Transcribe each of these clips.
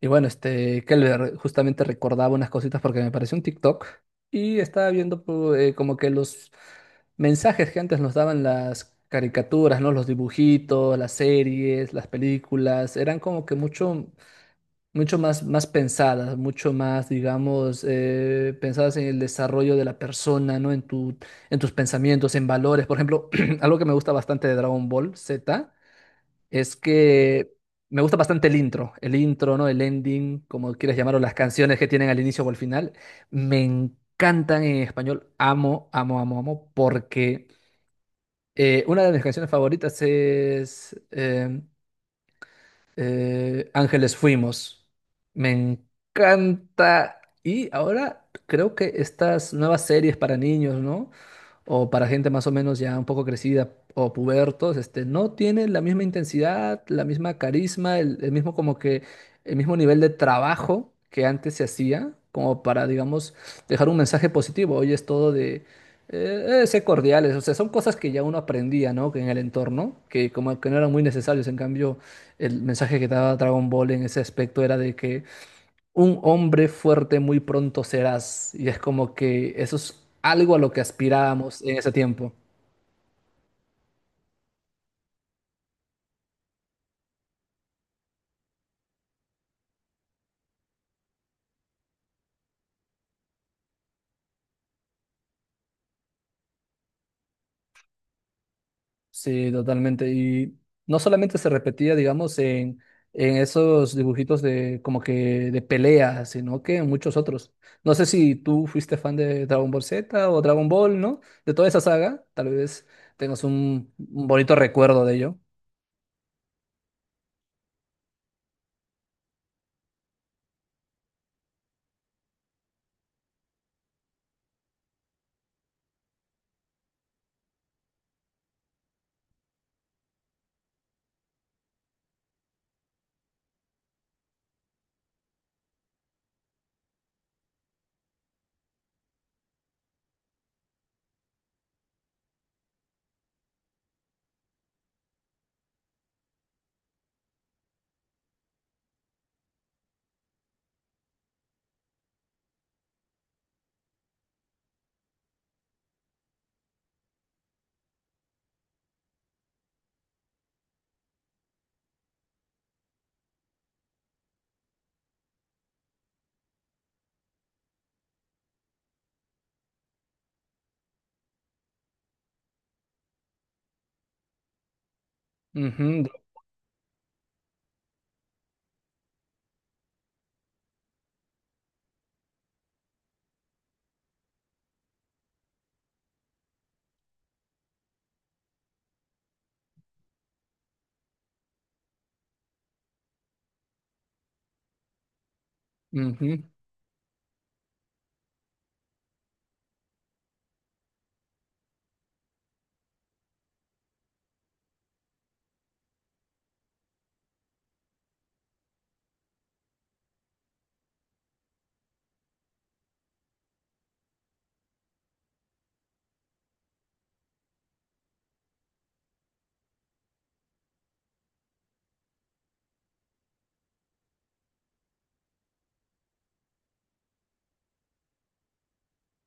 Que justamente recordaba unas cositas porque me pareció un TikTok y estaba viendo como que los mensajes que antes nos daban las caricaturas, ¿no? Los dibujitos, las series, las películas, eran como que mucho, mucho más, más pensadas, mucho más, digamos, pensadas en el desarrollo de la persona, ¿no? En tu, en tus pensamientos, en valores. Por ejemplo, algo que me gusta bastante de Dragon Ball Z es que me gusta bastante el intro, ¿no? El ending, como quieras llamarlo, las canciones que tienen al inicio o al final, me encantan en español, amo, amo, amo, amo, porque una de mis canciones favoritas es Ángeles Fuimos, me encanta y ahora creo que estas nuevas series para niños, ¿no? O para gente más o menos ya un poco crecida o pubertos, este, no tiene la misma intensidad, la misma carisma, el mismo como que el mismo nivel de trabajo que antes se hacía, como para, digamos, dejar un mensaje positivo. Hoy es todo de ser cordiales, o sea, son cosas que ya uno aprendía, ¿no? Que en el entorno, que como que no eran muy necesarios. En cambio, el mensaje que daba Dragon Ball en ese aspecto era de que un hombre fuerte muy pronto serás. Y es como que eso es algo a lo que aspirábamos en ese tiempo. Sí, totalmente. Y no solamente se repetía, digamos, en esos dibujitos de como que de pelea, sino que en muchos otros. No sé si tú fuiste fan de Dragon Ball Z o Dragon Ball, ¿no? De toda esa saga, tal vez tengas un bonito recuerdo de ello. Ujú, ujú.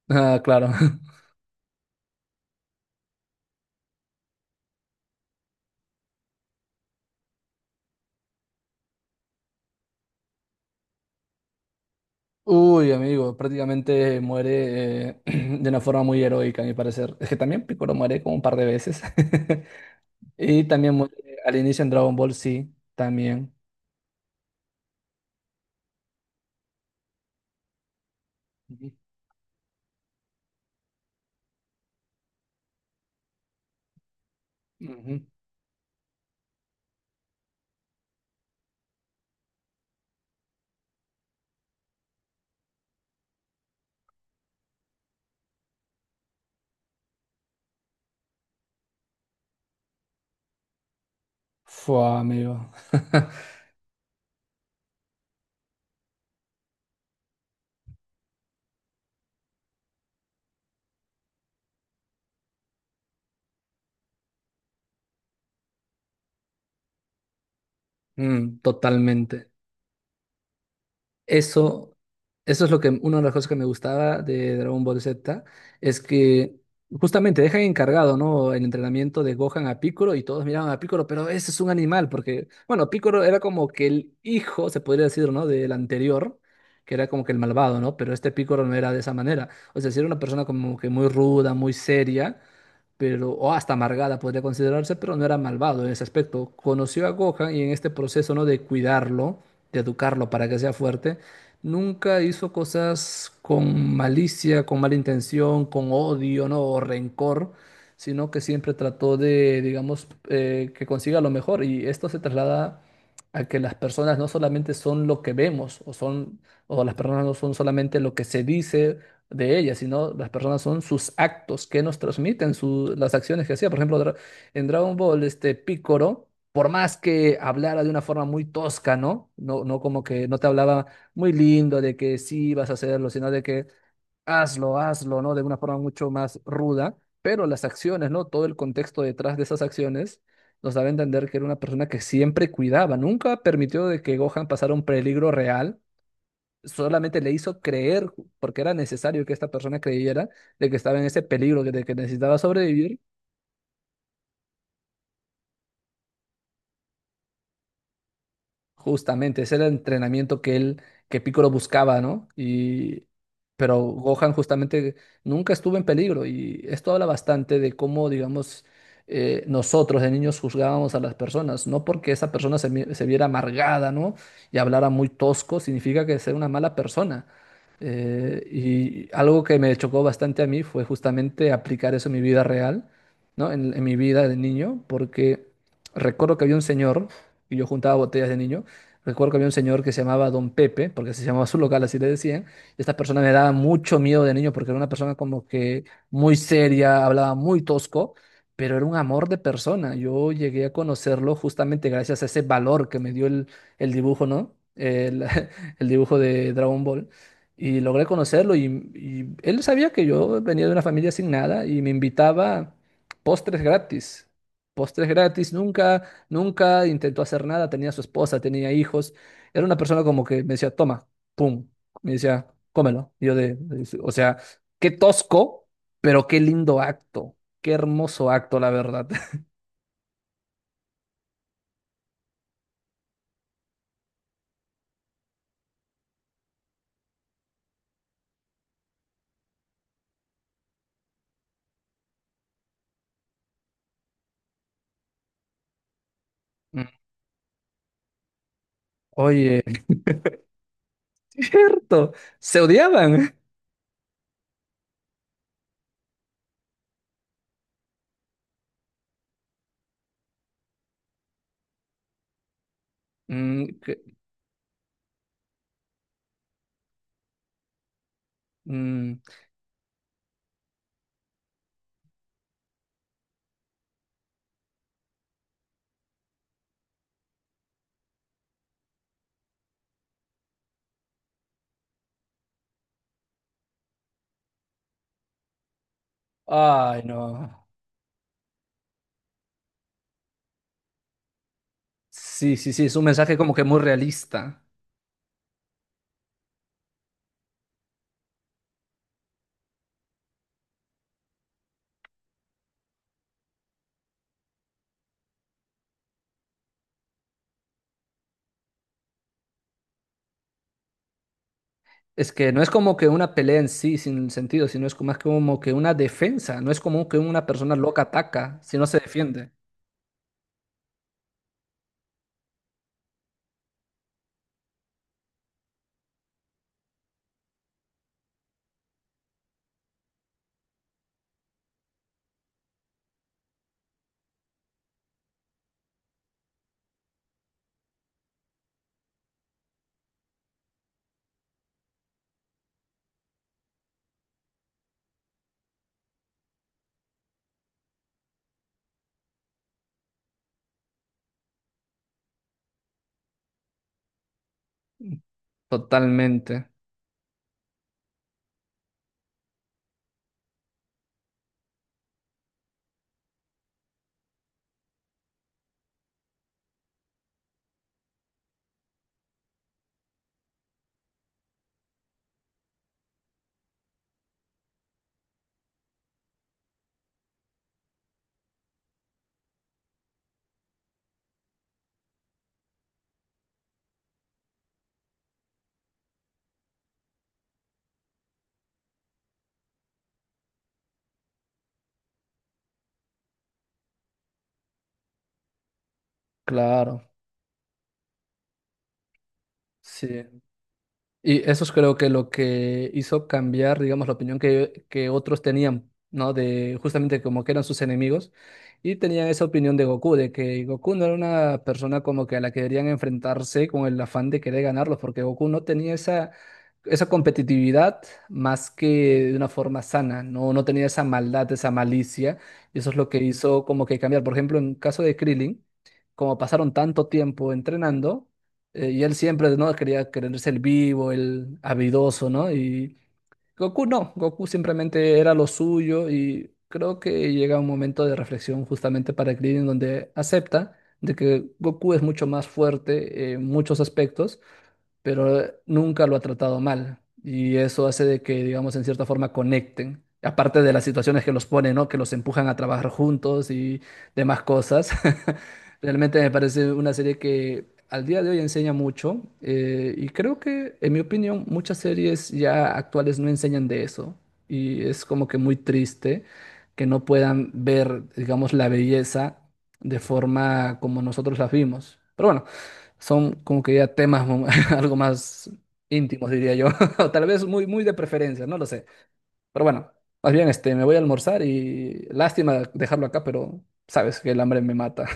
Ah, claro. Uy, amigo, prácticamente muere de una forma muy heroica, a mi parecer. Es que también Piccolo muere como un par de veces. Y también muere al inicio en Dragon Ball, sí, también. Ujú, ujú. Fua, amigo. Mm, totalmente. Eso, eso es lo que, una de las cosas que me gustaba de Dragon Ball Z, es que justamente dejan encargado, ¿no? El entrenamiento de Gohan a Piccolo y todos miraban a Piccolo, pero ese es un animal, porque, bueno, Piccolo era como que el hijo, se podría decir, ¿no? Del anterior, que era como que el malvado, ¿no? Pero este Piccolo no era de esa manera. O sea, sí era una persona como que muy ruda, muy seria, pero, o hasta amargada podría considerarse, pero no era malvado en ese aspecto. Conoció a Gohan y en este proceso, ¿no? De cuidarlo, de educarlo para que sea fuerte. Nunca hizo cosas con malicia, con mala intención, con odio, ¿no? O rencor, sino que siempre trató de, digamos, que consiga lo mejor. Y esto se traslada a que las personas no solamente son lo que vemos, o son, o las personas no son solamente lo que se dice de ellas, sino las personas son sus actos que nos transmiten, su- las acciones que hacía. Por ejemplo, en Dragon Ball, este Picoro, por más que hablara de una forma muy tosca, ¿no? No, no como que no te hablaba muy lindo de que sí vas a hacerlo, sino de que hazlo, hazlo, ¿no? De una forma mucho más ruda, pero las acciones, ¿no? Todo el contexto detrás de esas acciones nos daba a entender que era una persona que siempre cuidaba, nunca permitió de que Gohan pasara un peligro real, solamente le hizo creer, porque era necesario que esta persona creyera de que estaba en ese peligro, de que necesitaba sobrevivir. Justamente, ese era el entrenamiento que Piccolo buscaba, ¿no? Y, pero Gohan justamente nunca estuvo en peligro y esto habla bastante de cómo, digamos, nosotros de niños juzgábamos a las personas, no porque esa persona se viera amargada, ¿no? Y hablara muy tosco, significa que es una mala persona. Y algo que me chocó bastante a mí fue justamente aplicar eso en mi vida real, ¿no? En mi vida de niño, porque recuerdo que había un señor, y yo juntaba botellas de niño. Recuerdo que había un señor que se llamaba Don Pepe, porque así se llamaba su local, así le decían. Esta persona me daba mucho miedo de niño porque era una persona como que muy seria, hablaba muy tosco, pero era un amor de persona. Yo llegué a conocerlo justamente gracias a ese valor que me dio el dibujo, ¿no? El, el dibujo de Dragon Ball. Y logré conocerlo y él sabía que yo venía de una familia sin nada y me invitaba postres gratis. Postres gratis, nunca. Nunca intentó hacer nada, tenía su esposa, tenía hijos. Era una persona como que me decía, toma, pum. Me decía, cómelo. Y yo de, o sea, qué tosco, pero qué lindo acto. Qué hermoso acto, la verdad. Mm, oye, cierto, se odiaban. Mm, mm, ay, no. Sí, sí, sí, es un mensaje como que muy realista. Es que no es como que una pelea en sí sin sentido, sino es como, más como que una defensa. No es como que una persona loca ataca, si no se defiende. Totalmente, claro, sí. Y eso es creo que lo que hizo cambiar, digamos, la opinión que otros tenían, ¿no? De justamente como que eran sus enemigos y tenían esa opinión de Goku, de que Goku no era una persona como que a la que deberían enfrentarse con el afán de querer ganarlos, porque Goku no tenía esa, esa competitividad más que de una forma sana, ¿no? No tenía esa maldad, esa malicia, y eso es lo que hizo como que cambiar. Por ejemplo, en caso de Krillin, como pasaron tanto tiempo entrenando, y él siempre, ¿no? Quería creerse el vivo, el habilidoso, ¿no? Y Goku no, Goku simplemente era lo suyo y creo que llega un momento de reflexión justamente para Krillin donde acepta de que Goku es mucho más fuerte en muchos aspectos, pero nunca lo ha tratado mal. Y eso hace de que, digamos, en cierta forma conecten. Aparte de las situaciones que los ponen, ¿no? Que los empujan a trabajar juntos y demás cosas. Realmente me parece una serie que al día de hoy enseña mucho. Y creo que, en mi opinión, muchas series ya actuales no enseñan de eso. Y es como que muy triste que no puedan ver, digamos, la belleza de forma como nosotros la vimos. Pero bueno. Son como que ya temas algo más íntimos, diría yo. O tal vez muy, muy de preferencia, no lo sé. Pero bueno, más bien este, me voy a almorzar y lástima dejarlo acá, pero sabes que el hambre me mata.